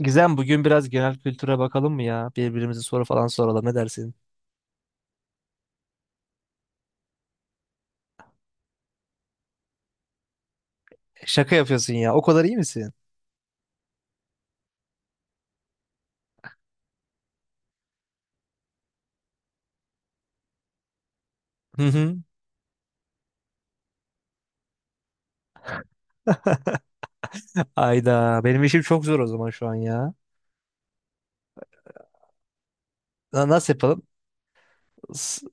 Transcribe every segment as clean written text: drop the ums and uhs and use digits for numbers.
Gizem bugün biraz genel kültüre bakalım mı ya? Birbirimize soru falan soralım, ne dersin? Şaka yapıyorsun ya. O kadar iyi misin? Hı hı. Ayda benim işim çok zor o zaman şu an ya. Nasıl yapalım? S-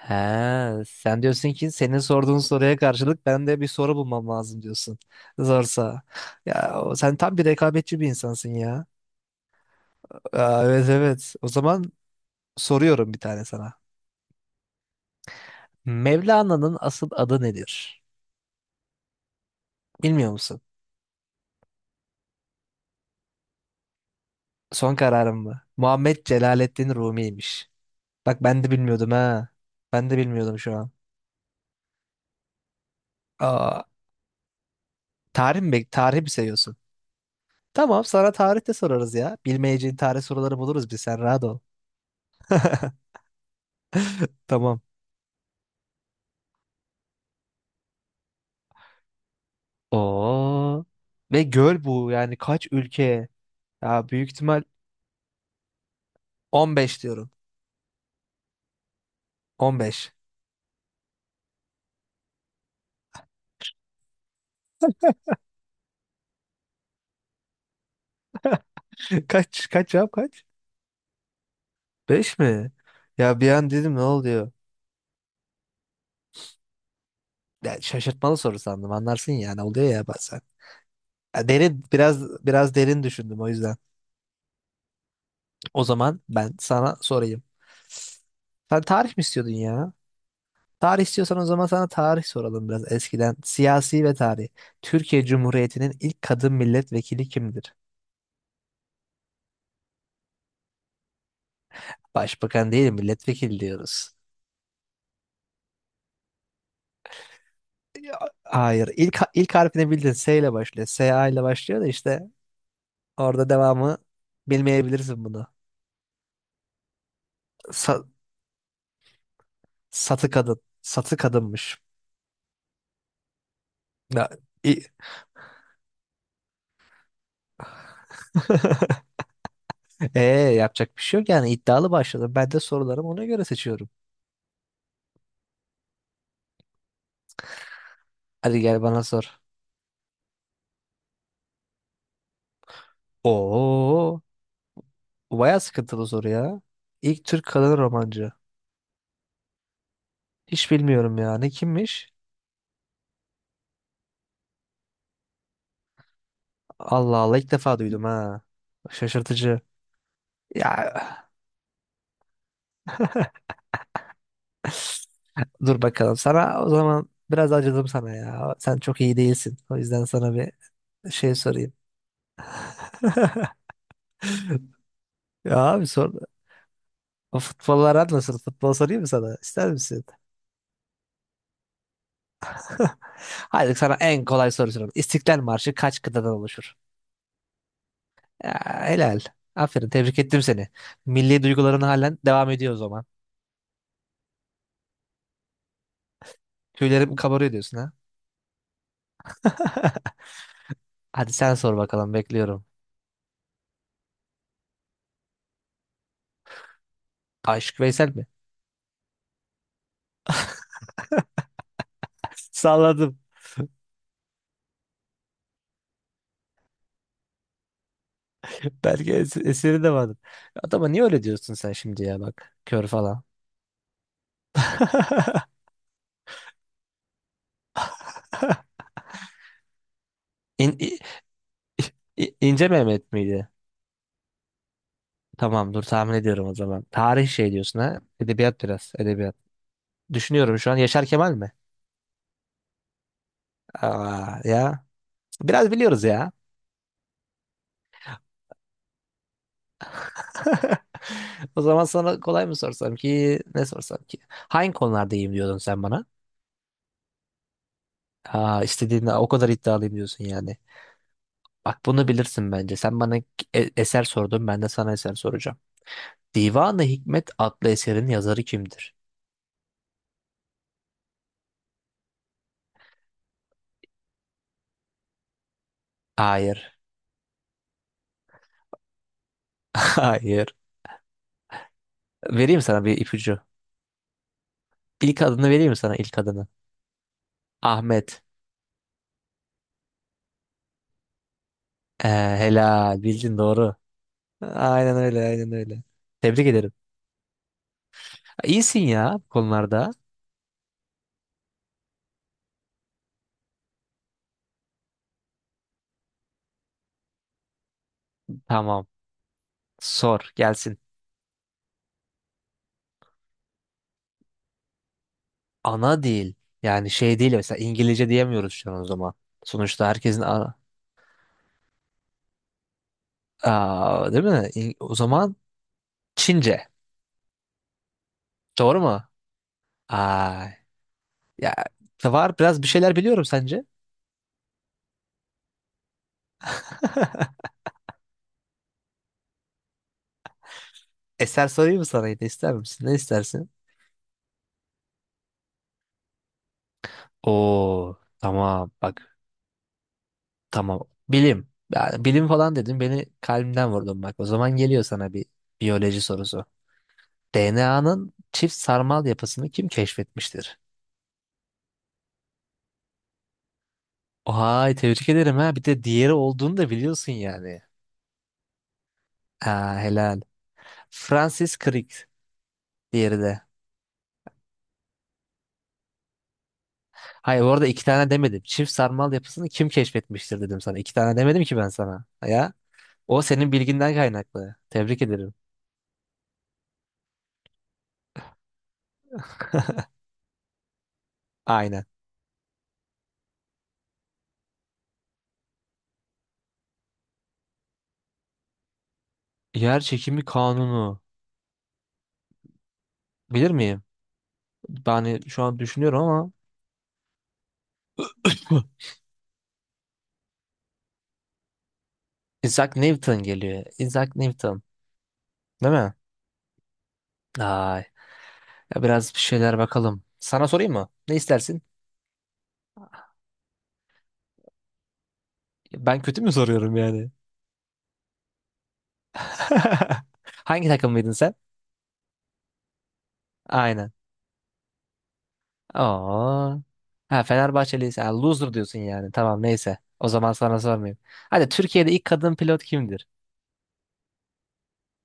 He, sen diyorsun ki senin sorduğun soruya karşılık ben de bir soru bulmam lazım diyorsun. Zorsa. Ya sen tam bir rekabetçi bir insansın ya. Aa, evet evet. O zaman soruyorum bir tane sana. Mevlana'nın asıl adı nedir? Bilmiyor musun? Son kararım mı? Muhammed Celaleddin Rumi'ymiş. Bak ben de bilmiyordum ha. Ben de bilmiyordum şu an. Aa, tarih mi? Tarih mi seviyorsun? Tamam, sana tarih de sorarız ya. Bilmeyeceğin tarih soruları buluruz biz, sen rahat ol. Tamam. Oo. Ve göl bu, yani kaç ülke? Ya büyük ihtimal 15 diyorum. 15. Kaç kaç ya, kaç? 5 mi? Ya bir an dedim ne oluyor? Ya şaşırtmalı soru sandım, anlarsın yani, oluyor ya bazen. Ya derin, biraz derin düşündüm o yüzden. O zaman ben sana sorayım. Sen tarih mi istiyordun ya? Tarih istiyorsan o zaman sana tarih soralım, biraz eskiden. Siyasi ve tarih. Türkiye Cumhuriyeti'nin ilk kadın milletvekili kimdir? Başbakan değil, milletvekili diyoruz. Ya, hayır. İlk harfini bildin. S ile başlıyor. S A ile başlıyor da işte orada devamı bilmeyebilirsin bunu. Sa- satı kadın. Satı kadınmış. Ya, i- Ee, yapacak bir şey yok yani, iddialı başladım. Ben de sorularımı ona göre seçiyorum. Hadi gel bana sor. Oo, bu bayağı sıkıntılı soru ya. İlk Türk kadın romancı. Hiç bilmiyorum ya. Ne, kimmiş? Allah Allah, ilk defa duydum ha. Şaşırtıcı. Ya dur bakalım. Sana o zaman biraz acıdım sana ya. Sen çok iyi değilsin. O yüzden sana bir şey sorayım. Ya abi sor. O futbollar nasıl? Futbol sorayım mı sana? İster misin? Hadi sana en kolay soru sorayım. İstiklal Marşı kaç kıtadan oluşur? Ya, helal. Aferin. Tebrik ettim seni. Milli duyguların halen devam ediyor o zaman. Tüylerim kabarıyor diyorsun ha. Hadi sen sor bakalım, bekliyorum. Aşık Veysel mi? Salladım. Belki eseri de vardı. Adama niye öyle diyorsun sen şimdi ya bak. Kör falan. İn, i- İnce Mehmet miydi? Tamam, dur tahmin ediyorum o zaman. Tarih şey diyorsun ha. Edebiyat biraz. Edebiyat. Düşünüyorum şu an. Yaşar Kemal mi? Aa, ya. Biraz biliyoruz ya. O zaman sana kolay mı sorsam ki, ne sorsam ki? Hangi konularda iyiyim diyordun sen bana? Aa, istediğinde o kadar iddialıyım diyorsun yani. Bak bunu bilirsin bence. Sen bana eser sordun, ben de sana eser soracağım. Divan-ı Hikmet adlı eserin yazarı kimdir? Hayır. Hayır. Vereyim sana bir ipucu. İlk adını vereyim mi sana, ilk adını? Ahmet. Ee, helal, bildin doğru. Aynen öyle, aynen öyle. Tebrik ederim. İyisin ya bu konularda. Tamam. Sor gelsin. Ana dil, yani şey değil mesela, İngilizce diyemiyoruz şu an o zaman. Sonuçta herkesin aa, değil mi? O zaman Çince. Doğru mu? Ay ya, var biraz, bir şeyler biliyorum sence. Eser sorayım mı sana yine, ister misin? Ne istersin? Oo tamam, tamam. Bilim. Yani bilim falan dedim, beni kalbimden vurdun bak. O zaman geliyor sana bir biyoloji sorusu. DNA'nın çift sarmal yapısını kim keşfetmiştir? Vay, tebrik ederim ha. Bir de diğeri olduğunu da biliyorsun yani. Aa, helal. Francis Crick diğeri de. Hayır, bu arada iki tane demedim. Çift sarmal yapısını kim keşfetmiştir dedim sana. İki tane demedim ki ben sana. Ya o senin bilginden kaynaklı. Tebrik ederim. Aynen. Yer çekimi kanunu. Bilir miyim? Yani şu an düşünüyorum ama Isaac Newton geliyor. Isaac Newton. Değil mi? Ay. Ya biraz bir şeyler bakalım. Sana sorayım mı? Ne istersin? Ben kötü mü soruyorum yani? Hangi takımlıydın sen? Aynen. Aa. Ha, Fenerbahçeliysen ha, loser diyorsun yani. Tamam, neyse. O zaman sana sormayayım. Hadi, Türkiye'de ilk kadın pilot kimdir?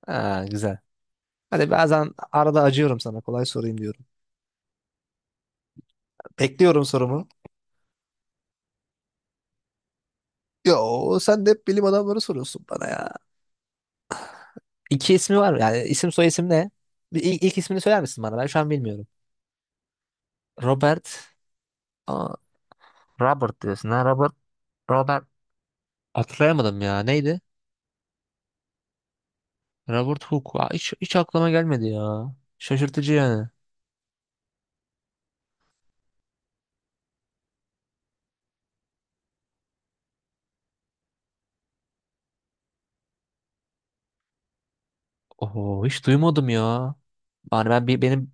Ha, güzel. Hadi, bazen arada acıyorum sana. Kolay sorayım diyorum. Bekliyorum sorumu. Yo, sen de hep bilim adamları soruyorsun bana ya. İki ismi var mı? Yani isim soy isim ne? Bir, ilk ismini söyler misin bana? Ben şu an bilmiyorum. Robert. Aa, Robert diyorsun ha. Robert. Robert. Hatırlayamadım ya. Neydi? Robert Hooke. Aa, hiç aklıma gelmedi ya. Şaşırtıcı yani. Oho, hiç duymadım ya. Yani ben benim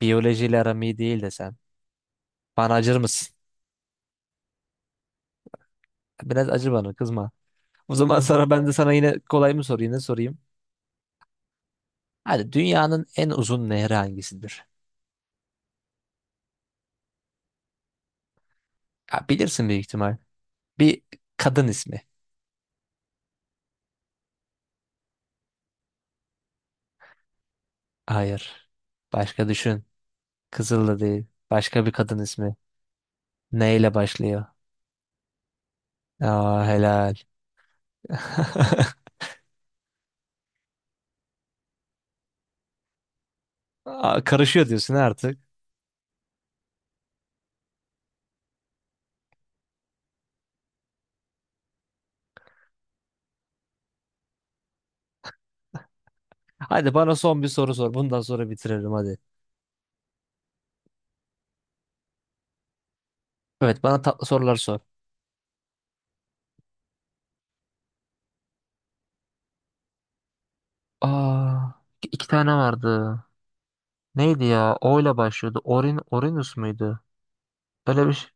biyolojiyle aram iyi değil desem. Bana acır mısın? Biraz acı, bana kızma. O zaman sana ben de sana yine kolay mı sorayım, ne sorayım? Hadi, dünyanın en uzun nehri hangisidir? Ya bilirsin büyük ihtimal. Bir kadın ismi. Hayır. Başka düşün. Kızıl da değil. Başka bir kadın ismi. Neyle başlıyor? Aa, helal. Aa, karışıyor diyorsun artık. Hadi bana son bir soru sor. Bundan sonra bitiririm hadi. Evet, bana tatlı sorular sor. Aa, iki tane vardı. Neydi ya? O ile başlıyordu. Orin, Orinus muydu? Öyle bir şey.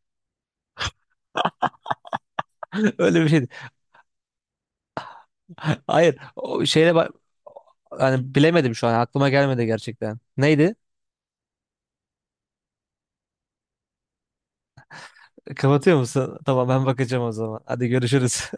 Öyle bir şeydi. Hayır. O şeyle bak, hani bilemedim şu an, aklıma gelmedi gerçekten. Neydi? Kapatıyor musun? Tamam, ben bakacağım o zaman. Hadi görüşürüz.